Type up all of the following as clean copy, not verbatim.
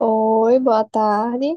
Oi, boa tarde.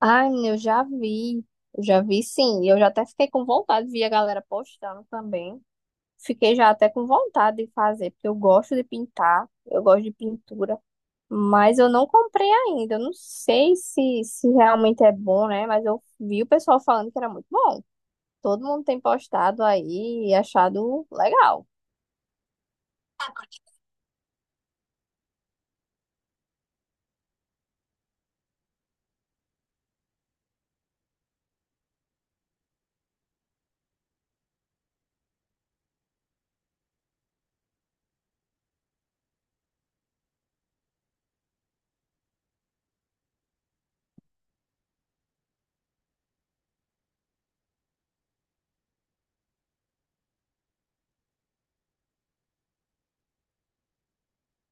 Ai, menina, eu já vi sim, e eu já até fiquei com vontade, vi a galera postando também. Fiquei já até com vontade de fazer, porque eu gosto de pintar, eu gosto de pintura, mas eu não comprei ainda. Eu não sei se realmente é bom, né? Mas eu vi o pessoal falando que era muito bom. Todo mundo tem postado aí e achado legal.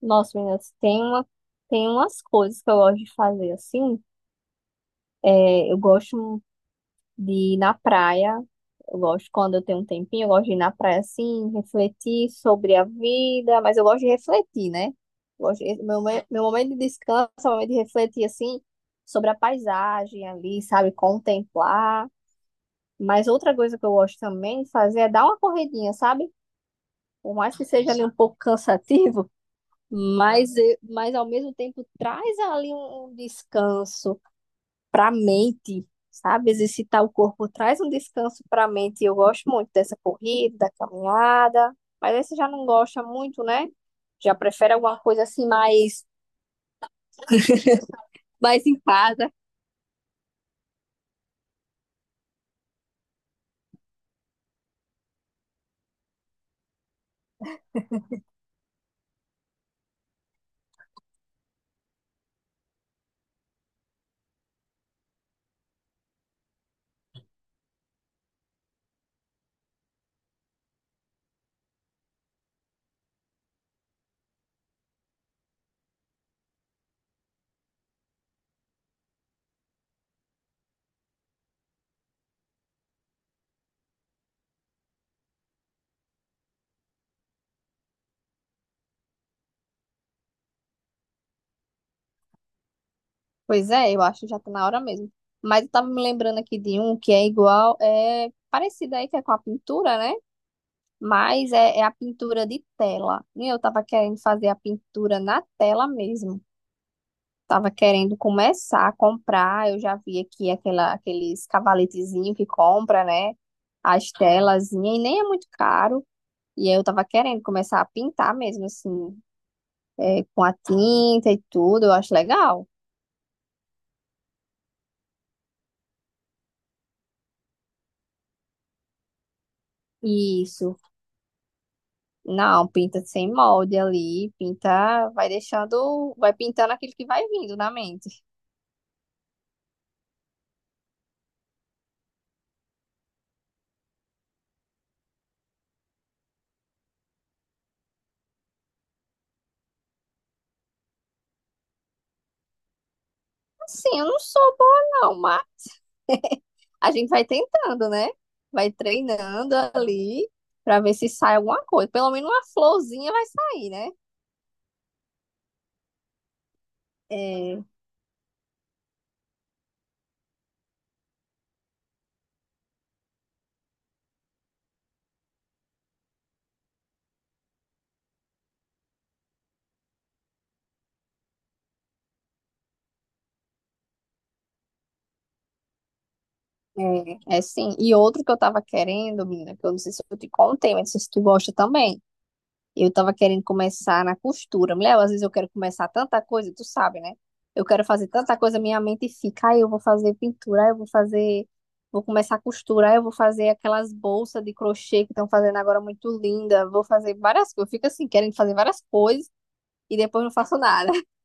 Nossa, meninas, tem umas coisas que eu gosto de fazer assim. É, eu gosto de ir na praia. Eu gosto quando eu tenho um tempinho, eu gosto de ir na praia assim, refletir sobre a vida, mas eu gosto de refletir, né? Eu Gosto de- meu, me- meu momento de descanso é o momento de refletir assim sobre a paisagem ali, sabe? Contemplar. Mas outra coisa que eu gosto também de fazer é dar uma corridinha, sabe? Por mais que seja ali um pouco cansativo, mas ao mesmo tempo traz ali um descanso para a mente, sabe? Exercitar o corpo traz um descanso para a mente. Eu gosto muito dessa corrida, da caminhada, mas aí você já não gosta muito, né? Já prefere alguma coisa assim mais, mais em casa. Pois é, eu acho que já tá na hora mesmo. Mas eu tava me lembrando aqui de um que é igual, é parecido aí que é com a pintura, né? Mas é a pintura de tela. E eu tava querendo fazer a pintura na tela mesmo. Tava querendo começar a comprar. Eu já vi aqui aqueles cavaletezinhos que compra, né? As telazinhas, e nem é muito caro. E aí eu tava querendo começar a pintar mesmo, assim, com a tinta e tudo. Eu acho legal. Isso. Não, pinta sem molde ali, pinta, vai deixando, vai pintando aquilo que vai vindo na mente. Assim, eu não sou boa não. A gente vai tentando, né? Vai treinando ali para ver se sai alguma coisa. Pelo menos uma florzinha vai sair, né? É, é sim. E outro que eu tava querendo, menina, que eu não sei se eu te contei, mas não sei se tu gosta também. Eu tava querendo começar na costura. Mulher, às vezes eu quero começar tanta coisa, tu sabe, né? Eu quero fazer tanta coisa, minha mente fica, ah, eu vou fazer pintura, vou começar a costura, ah, eu vou fazer aquelas bolsas de crochê que estão fazendo agora muito linda, vou fazer várias coisas. Eu fico assim, querendo fazer várias coisas e depois não faço nada.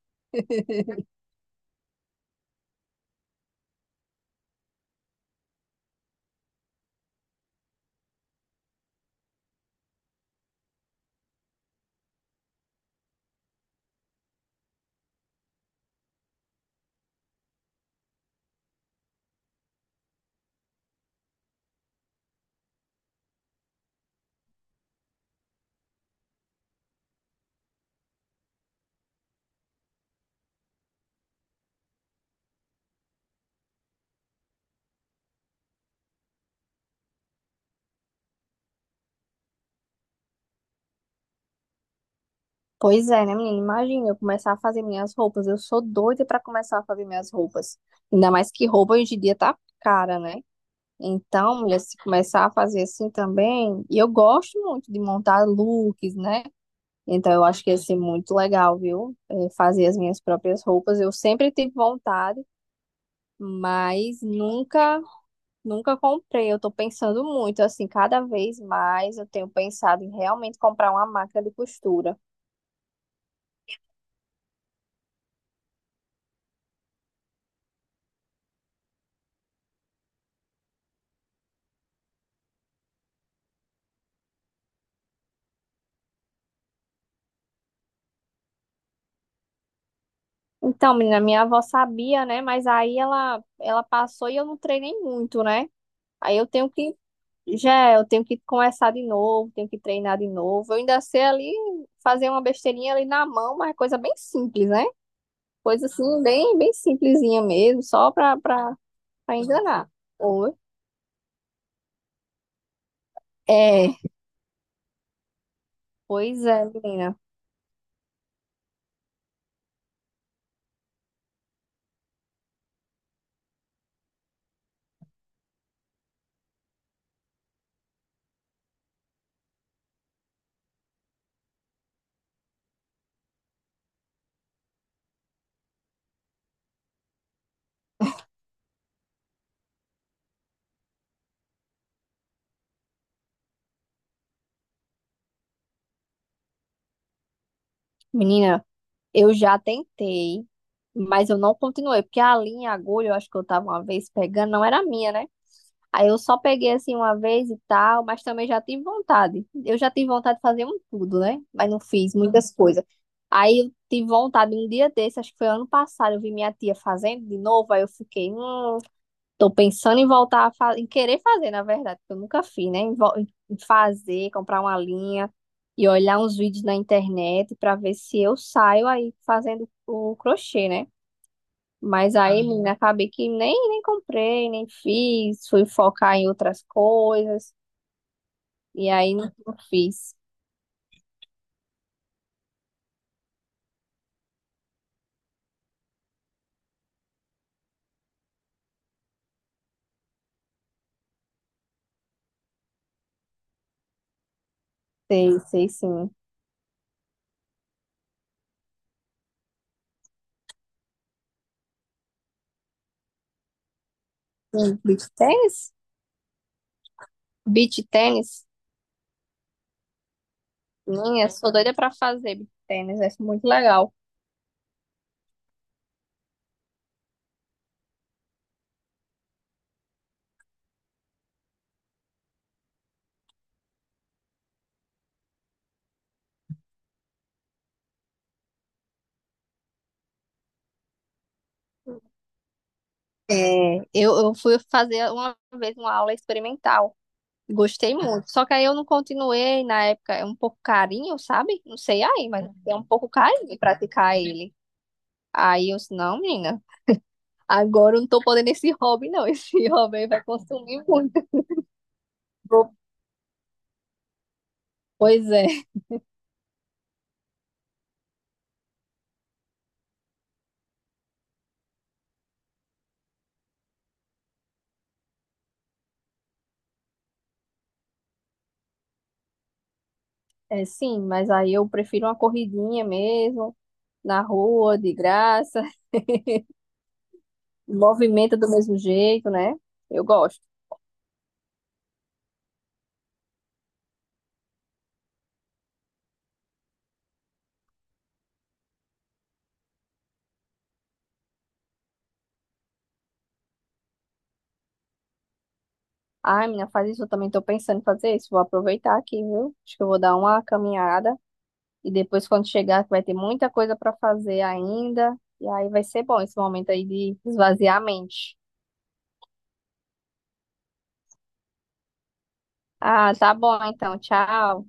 Pois é, né, menina? Imagina eu começar a fazer minhas roupas. Eu sou doida pra começar a fazer minhas roupas. Ainda mais que roupa hoje em dia tá cara, né? Então, mulher, se começar a fazer assim também, e eu gosto muito de montar looks, né? Então, eu acho que ia ser muito legal, viu? É, fazer as minhas próprias roupas. Eu sempre tive vontade, mas nunca comprei. Eu tô pensando muito, assim, cada vez mais eu tenho pensado em realmente comprar uma máquina de costura. Então, menina, minha avó sabia, né? Mas aí ela passou e eu não treinei muito, né? Aí eu tenho que Já, eu tenho que começar de novo, tenho que treinar de novo. Eu ainda sei ali fazer uma besteirinha ali na mão, mas é coisa bem simples, né? Coisa assim, bem simplesinha mesmo, só pra enganar. Ou- É, pois é, menina. Menina, eu já tentei, mas eu não continuei, porque a linha, agulha, eu acho que eu tava uma vez pegando, não era minha, né? Aí eu só peguei assim uma vez e tal, mas também já tive vontade. Eu já tive vontade de fazer um tudo, né? Mas não fiz muitas coisas. Aí eu tive vontade um dia desse, acho que foi ano passado, eu vi minha tia fazendo de novo, aí eu fiquei, tô pensando em voltar a fazer, em querer fazer, na verdade, porque eu nunca fiz, né? Em fazer, comprar uma linha e olhar uns vídeos na internet pra ver se eu saio aí fazendo o crochê, né? Mas aí, ah, menina, acabei que nem comprei, nem fiz, fui focar em outras coisas, e aí não fiz. Sei, sei sim. Sim, beach tênis? Beach tênis? Minha, sou doida pra fazer beach tênis, é muito legal. É, eu fui fazer uma vez uma aula experimental, gostei muito, só que aí eu não continuei na época, é um pouco carinho, sabe? Não sei aí, mas é um pouco carinho praticar ele. Aí eu disse, não, menina. Agora eu não tô podendo esse hobby, não. Esse hobby aí vai consumir muito. Vou- Pois é. É, sim, mas aí eu prefiro uma corridinha mesmo, na rua, de graça, movimenta do mesmo jeito, né? Eu gosto. Ai, menina, faz isso, eu também tô pensando em fazer isso. Vou aproveitar aqui, viu? Acho que eu vou dar uma caminhada e depois quando chegar que vai ter muita coisa pra fazer ainda. E aí vai ser bom esse momento aí de esvaziar a mente. Ah, tá bom então. Tchau.